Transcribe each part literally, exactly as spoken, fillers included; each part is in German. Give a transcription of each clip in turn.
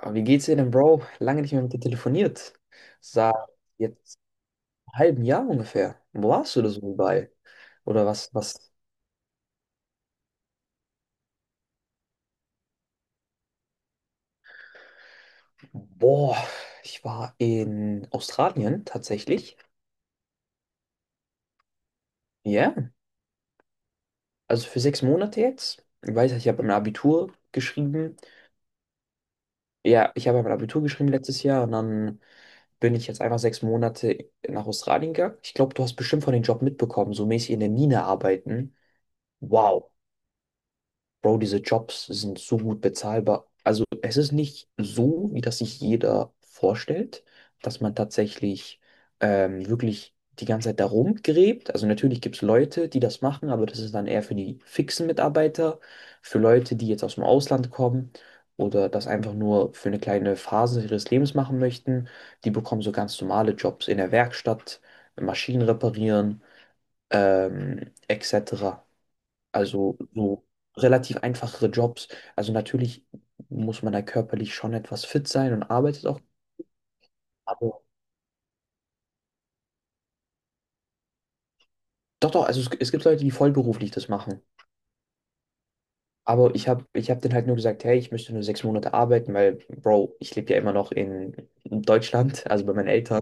Aber wie geht's dir denn, Bro? Lange nicht mehr mit dir telefoniert. Seit jetzt einem halben Jahr ungefähr. Wo warst du da so überall? Oder was, was? Boah, ich war in Australien tatsächlich. Ja, also für sechs Monate jetzt. Ich weiß, ich habe mein Abitur geschrieben. Ja, ich habe mein Abitur geschrieben letztes Jahr und dann bin ich jetzt einfach sechs Monate nach Australien gegangen. Ich glaube, du hast bestimmt von dem Job mitbekommen, so mäßig in der Mine arbeiten. Wow. Bro, diese Jobs sind so gut bezahlbar. Also es ist nicht so, wie das sich jeder vorstellt, dass man tatsächlich ähm, wirklich die ganze Zeit da rumgräbt. Also natürlich gibt es Leute, die das machen, aber das ist dann eher für die fixen Mitarbeiter, für Leute, die jetzt aus dem Ausland kommen oder das einfach nur für eine kleine Phase ihres Lebens machen möchten. Die bekommen so ganz normale Jobs in der Werkstatt, Maschinen reparieren, ähm, et cetera. Also so relativ einfachere Jobs. Also natürlich muss man da körperlich schon etwas fit sein und arbeitet auch. Aber doch, doch, also es, es gibt Leute, die vollberuflich das machen. Aber ich habe ich hab denen halt nur gesagt, hey, ich müsste nur sechs Monate arbeiten, weil, Bro, ich lebe ja immer noch in Deutschland, also bei meinen Eltern.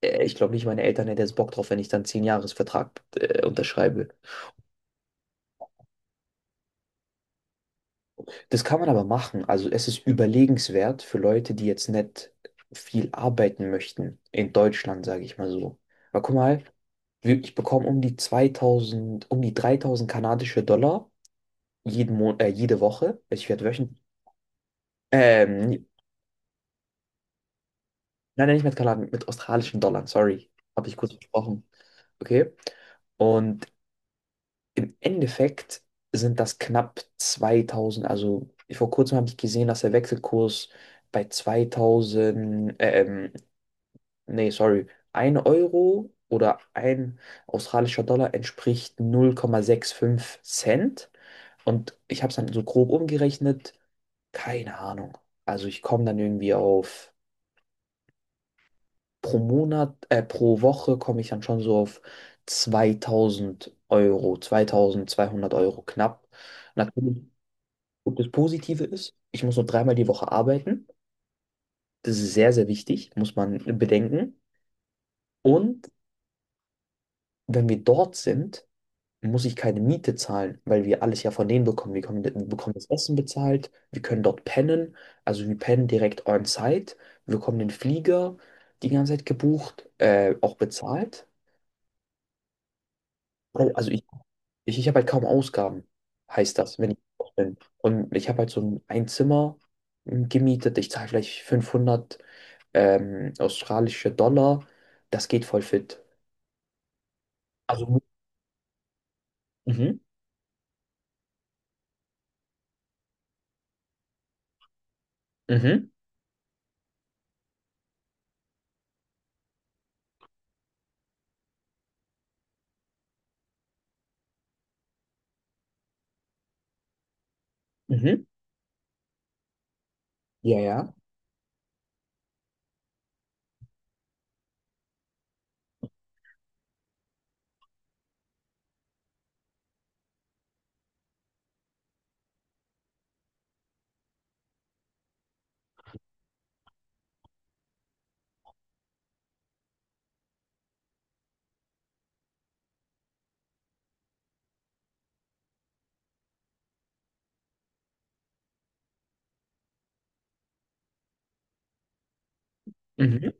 Äh, Ich glaube nicht, meine Eltern hätten jetzt Bock drauf, wenn ich dann zehn Jahresvertrag äh, unterschreibe. Das kann man aber machen. Also es ist überlegenswert für Leute, die jetzt nicht viel arbeiten möchten in Deutschland, sage ich mal so. Aber guck mal, Wir- ich bekomme um die zweitausend, um die dreitausend kanadische Dollar jeden Mon äh, jede Woche. also ich werde wöchentlich. Ähm, nie- nein, nein, nicht mit Kanadien, mit australischen Dollar, sorry. Habe ich kurz versprochen. Okay. Und im Endeffekt sind das knapp zweitausend. Also vor kurzem habe ich gesehen, dass der Wechselkurs bei zweitausend, ähm, nee, sorry, ein Euro oder ein australischer Dollar entspricht null Komma fünfundsechzig Cent. Und ich habe es dann so grob umgerechnet. Keine Ahnung. Also ich komme dann irgendwie auf, pro Monat, äh, pro Woche komme ich dann schon so auf zweitausend Euro, zweitausendzweihundert Euro knapp. Natürlich, und das Positive ist, ich muss nur dreimal die Woche arbeiten. Das ist sehr, sehr wichtig, muss man bedenken. Und wenn wir dort sind, muss ich keine Miete zahlen, weil wir alles ja von denen bekommen. Wir bekommen, wir bekommen das Essen bezahlt, wir können dort pennen, also wir pennen direkt on-site, wir bekommen den Flieger die ganze Zeit gebucht, äh, auch bezahlt. Weil, Also ich, ich, ich habe halt kaum Ausgaben, heißt das, wenn ich dort bin. Und ich habe halt so ein, ein Zimmer mm, gemietet, ich zahle vielleicht fünfhundert ähm, australische Dollar, das geht voll fit. Also, mhm, mhm, mhm, mhm. Ja, ja. Mhm.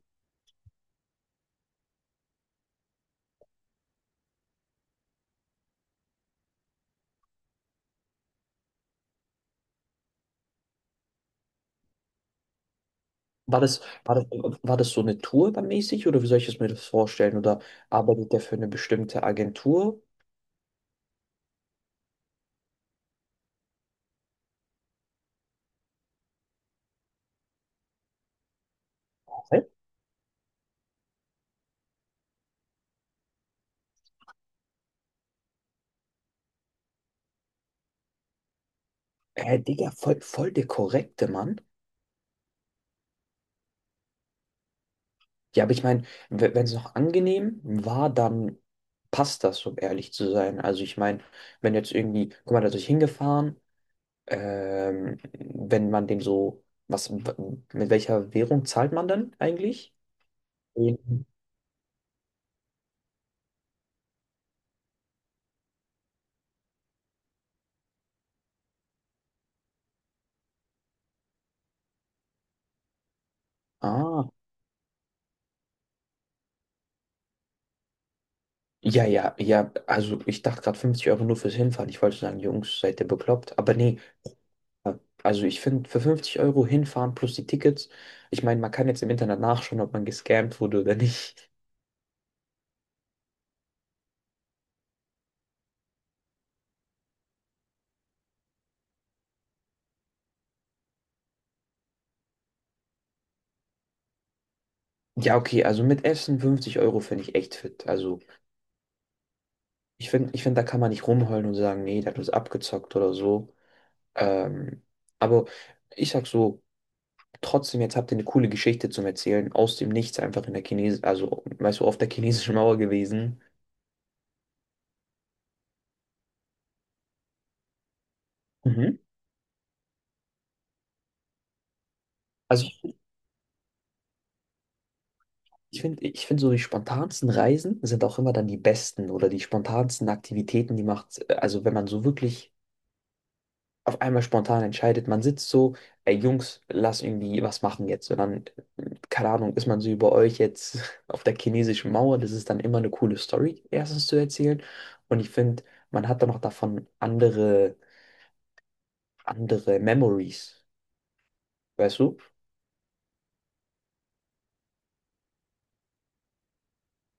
War das, war das, war das so eine Tour dann mäßig oder wie soll ich es mir das vorstellen? Oder arbeitet der für eine bestimmte Agentur? Hä? Äh, Digga, voll, voll der korrekte Mann. Ja, aber ich meine, wenn es noch angenehm war, dann passt das, um ehrlich zu sein. Also ich meine, wenn jetzt irgendwie, guck mal, da ist ich hingefahren, ähm, wenn man dem so, was, mit welcher Währung zahlt man dann eigentlich? Mhm. Ah, ja, ja, ja, also ich dachte gerade fünfzig Euro nur fürs Hinfahren. Ich wollte sagen, Jungs, seid ihr bekloppt? Aber nee, äh, also ich finde, für fünfzig Euro hinfahren plus die Tickets, ich meine, man kann jetzt im Internet nachschauen, ob man gescammt wurde oder nicht. Ja, okay, also mit Essen fünfzig Euro finde ich echt fit. Also ich finde, ich find, da kann man nicht rumheulen und sagen, nee, der hat uns abgezockt oder so. Ähm, aber ich sag so, trotzdem, jetzt habt ihr eine coole Geschichte zum Erzählen, aus dem Nichts einfach in der Chines, also weißt du, auf der chinesischen Mauer gewesen. Mhm. Also Ich finde, ich finde so die spontansten Reisen sind auch immer dann die besten oder die spontansten Aktivitäten, die macht, also wenn man so wirklich auf einmal spontan entscheidet, man sitzt so, ey Jungs, lass irgendwie was machen jetzt. Und dann, äh, keine Ahnung, ist man so über euch jetzt auf der chinesischen Mauer, das ist dann immer eine coole Story, erstens zu erzählen. Und ich finde, man hat dann auch davon andere, andere, Memories, weißt du?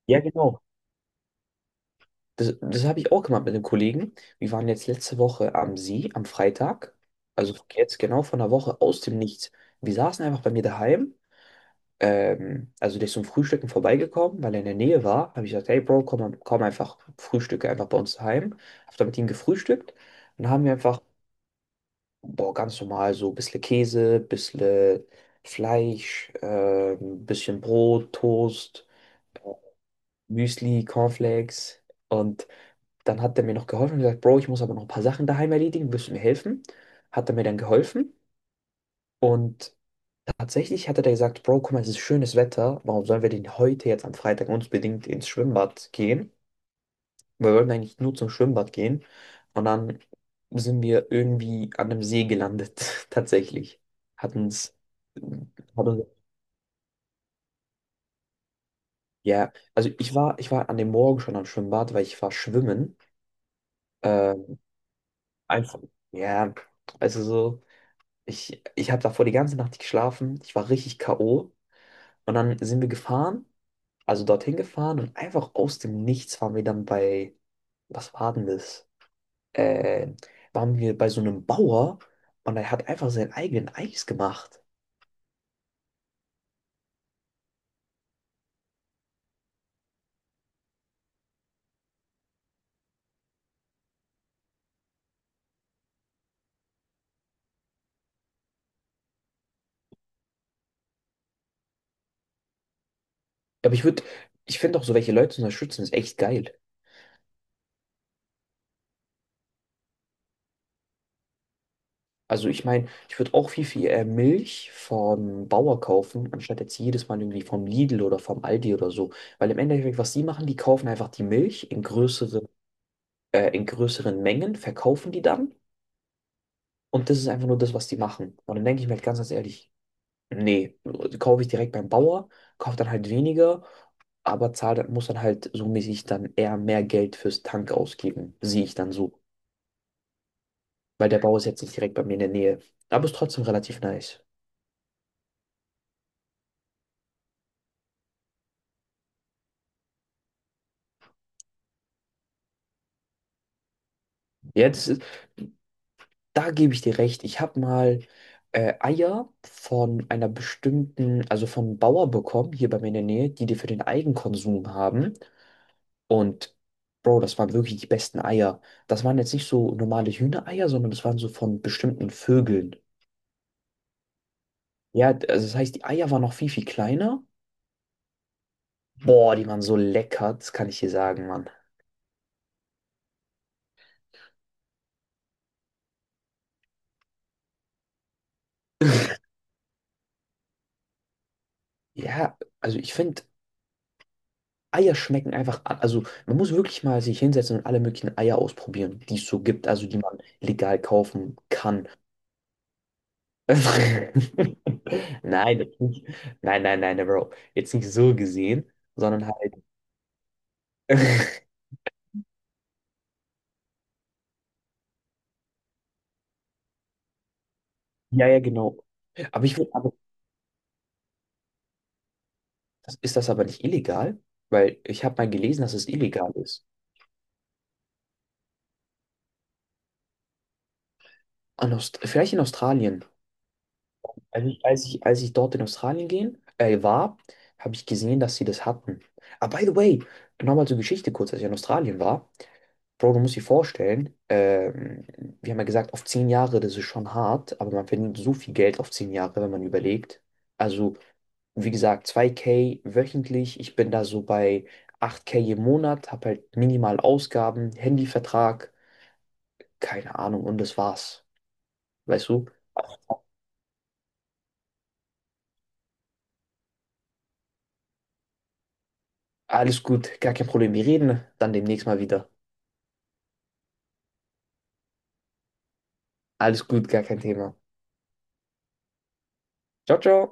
Ja, genau. Das, das habe ich auch gemacht mit einem Kollegen. Wir waren jetzt letzte Woche am See, am Freitag. Also jetzt genau vor einer Woche aus dem Nichts. Wir saßen einfach bei mir daheim. Ähm, also der ist zum Frühstücken vorbeigekommen, weil er in der Nähe war. Habe ich gesagt, hey Bro, komm, komm einfach, frühstücke einfach bei uns daheim. Habe dann mit ihm gefrühstückt. Und dann haben wir einfach, boah, ganz normal so ein bisschen Käse, ein bisschen Fleisch, äh, ein bisschen Brot, Toast, Müsli, Cornflakes. Und dann hat er mir noch geholfen und gesagt, Bro, ich muss aber noch ein paar Sachen daheim erledigen, willst du mir helfen? Hat er mir dann geholfen und tatsächlich hat er dann gesagt, Bro, guck mal, es ist schönes Wetter, warum sollen wir denn heute jetzt am Freitag unbedingt ins Schwimmbad gehen? Wir wollten eigentlich nur zum Schwimmbad gehen und dann sind wir irgendwie an einem See gelandet, tatsächlich. Hat uns, hat uns, ja, also ich war, ich war an dem Morgen schon am Schwimmbad, weil ich war schwimmen. Ähm, einfach, ja, also so. Ich, ich habe davor die ganze Nacht nicht geschlafen. Ich war richtig K O. Und dann sind wir gefahren, also dorthin gefahren und einfach aus dem Nichts waren wir dann bei, was war denn das? Äh, Waren wir bei so einem Bauer und er hat einfach seinen eigenen Eis gemacht. Aber ich würde, ich finde auch so welche Leute zu unterstützen, ist echt geil. Also ich meine, ich würde auch viel, viel äh, Milch vom Bauer kaufen, anstatt jetzt jedes Mal irgendwie vom Lidl oder vom Aldi oder so. Weil im Endeffekt, was die machen, die kaufen einfach die Milch in größere äh, in größeren Mengen, verkaufen die dann und das ist einfach nur das, was die machen. Und dann denke ich mir halt ganz, ganz ehrlich, nee, kaufe ich direkt beim Bauer, kaufe dann halt weniger, aber zahle, muss dann halt so mäßig dann eher mehr Geld fürs Tank ausgeben, sehe ich dann so. Weil der Bauer ist jetzt nicht direkt bei mir in der Nähe. Aber ist trotzdem relativ nice. Ja, das ist, da gebe ich dir recht. Ich habe mal äh, Eier von einer bestimmten, also von einem Bauer bekommen, hier bei mir in der Nähe, die die für den Eigenkonsum haben. Und Bro, das waren wirklich die besten Eier. Das waren jetzt nicht so normale Hühnereier, sondern das waren so von bestimmten Vögeln. Ja, also das heißt, die Eier waren noch viel, viel kleiner. Boah, die waren so lecker, das kann ich dir sagen, Mann. Ja, also ich finde, Eier schmecken einfach, a- also man muss wirklich mal sich hinsetzen und alle möglichen Eier ausprobieren, die es so gibt, also die man legal kaufen kann. Nein, das nicht. Nein, nein, nein, Bro. Jetzt nicht so gesehen, sondern halt. Ja, ja, genau. Aber ich würde Das, ist das aber nicht illegal? Weil ich habe mal gelesen, dass es illegal ist. An Aust vielleicht in Australien. Als ich, als ich, als ich dort in Australien gehen, äh, war, habe ich gesehen, dass sie das hatten. Ah, by the way, nochmal zur Geschichte kurz, als ich in Australien war. Bro, du musst dir vorstellen, ähm, wir haben ja gesagt, auf zehn Jahre, das ist schon hart, aber man verdient so viel Geld auf zehn Jahre, wenn man überlegt. Also, wie gesagt, zwei k wöchentlich. Ich bin da so bei acht k im Monat, habe halt minimal Ausgaben, Handyvertrag. Keine Ahnung, und das war's. Weißt du? Alles gut, gar kein Problem. Wir reden dann demnächst mal wieder. Alles gut, gar kein Thema. Ciao, ciao.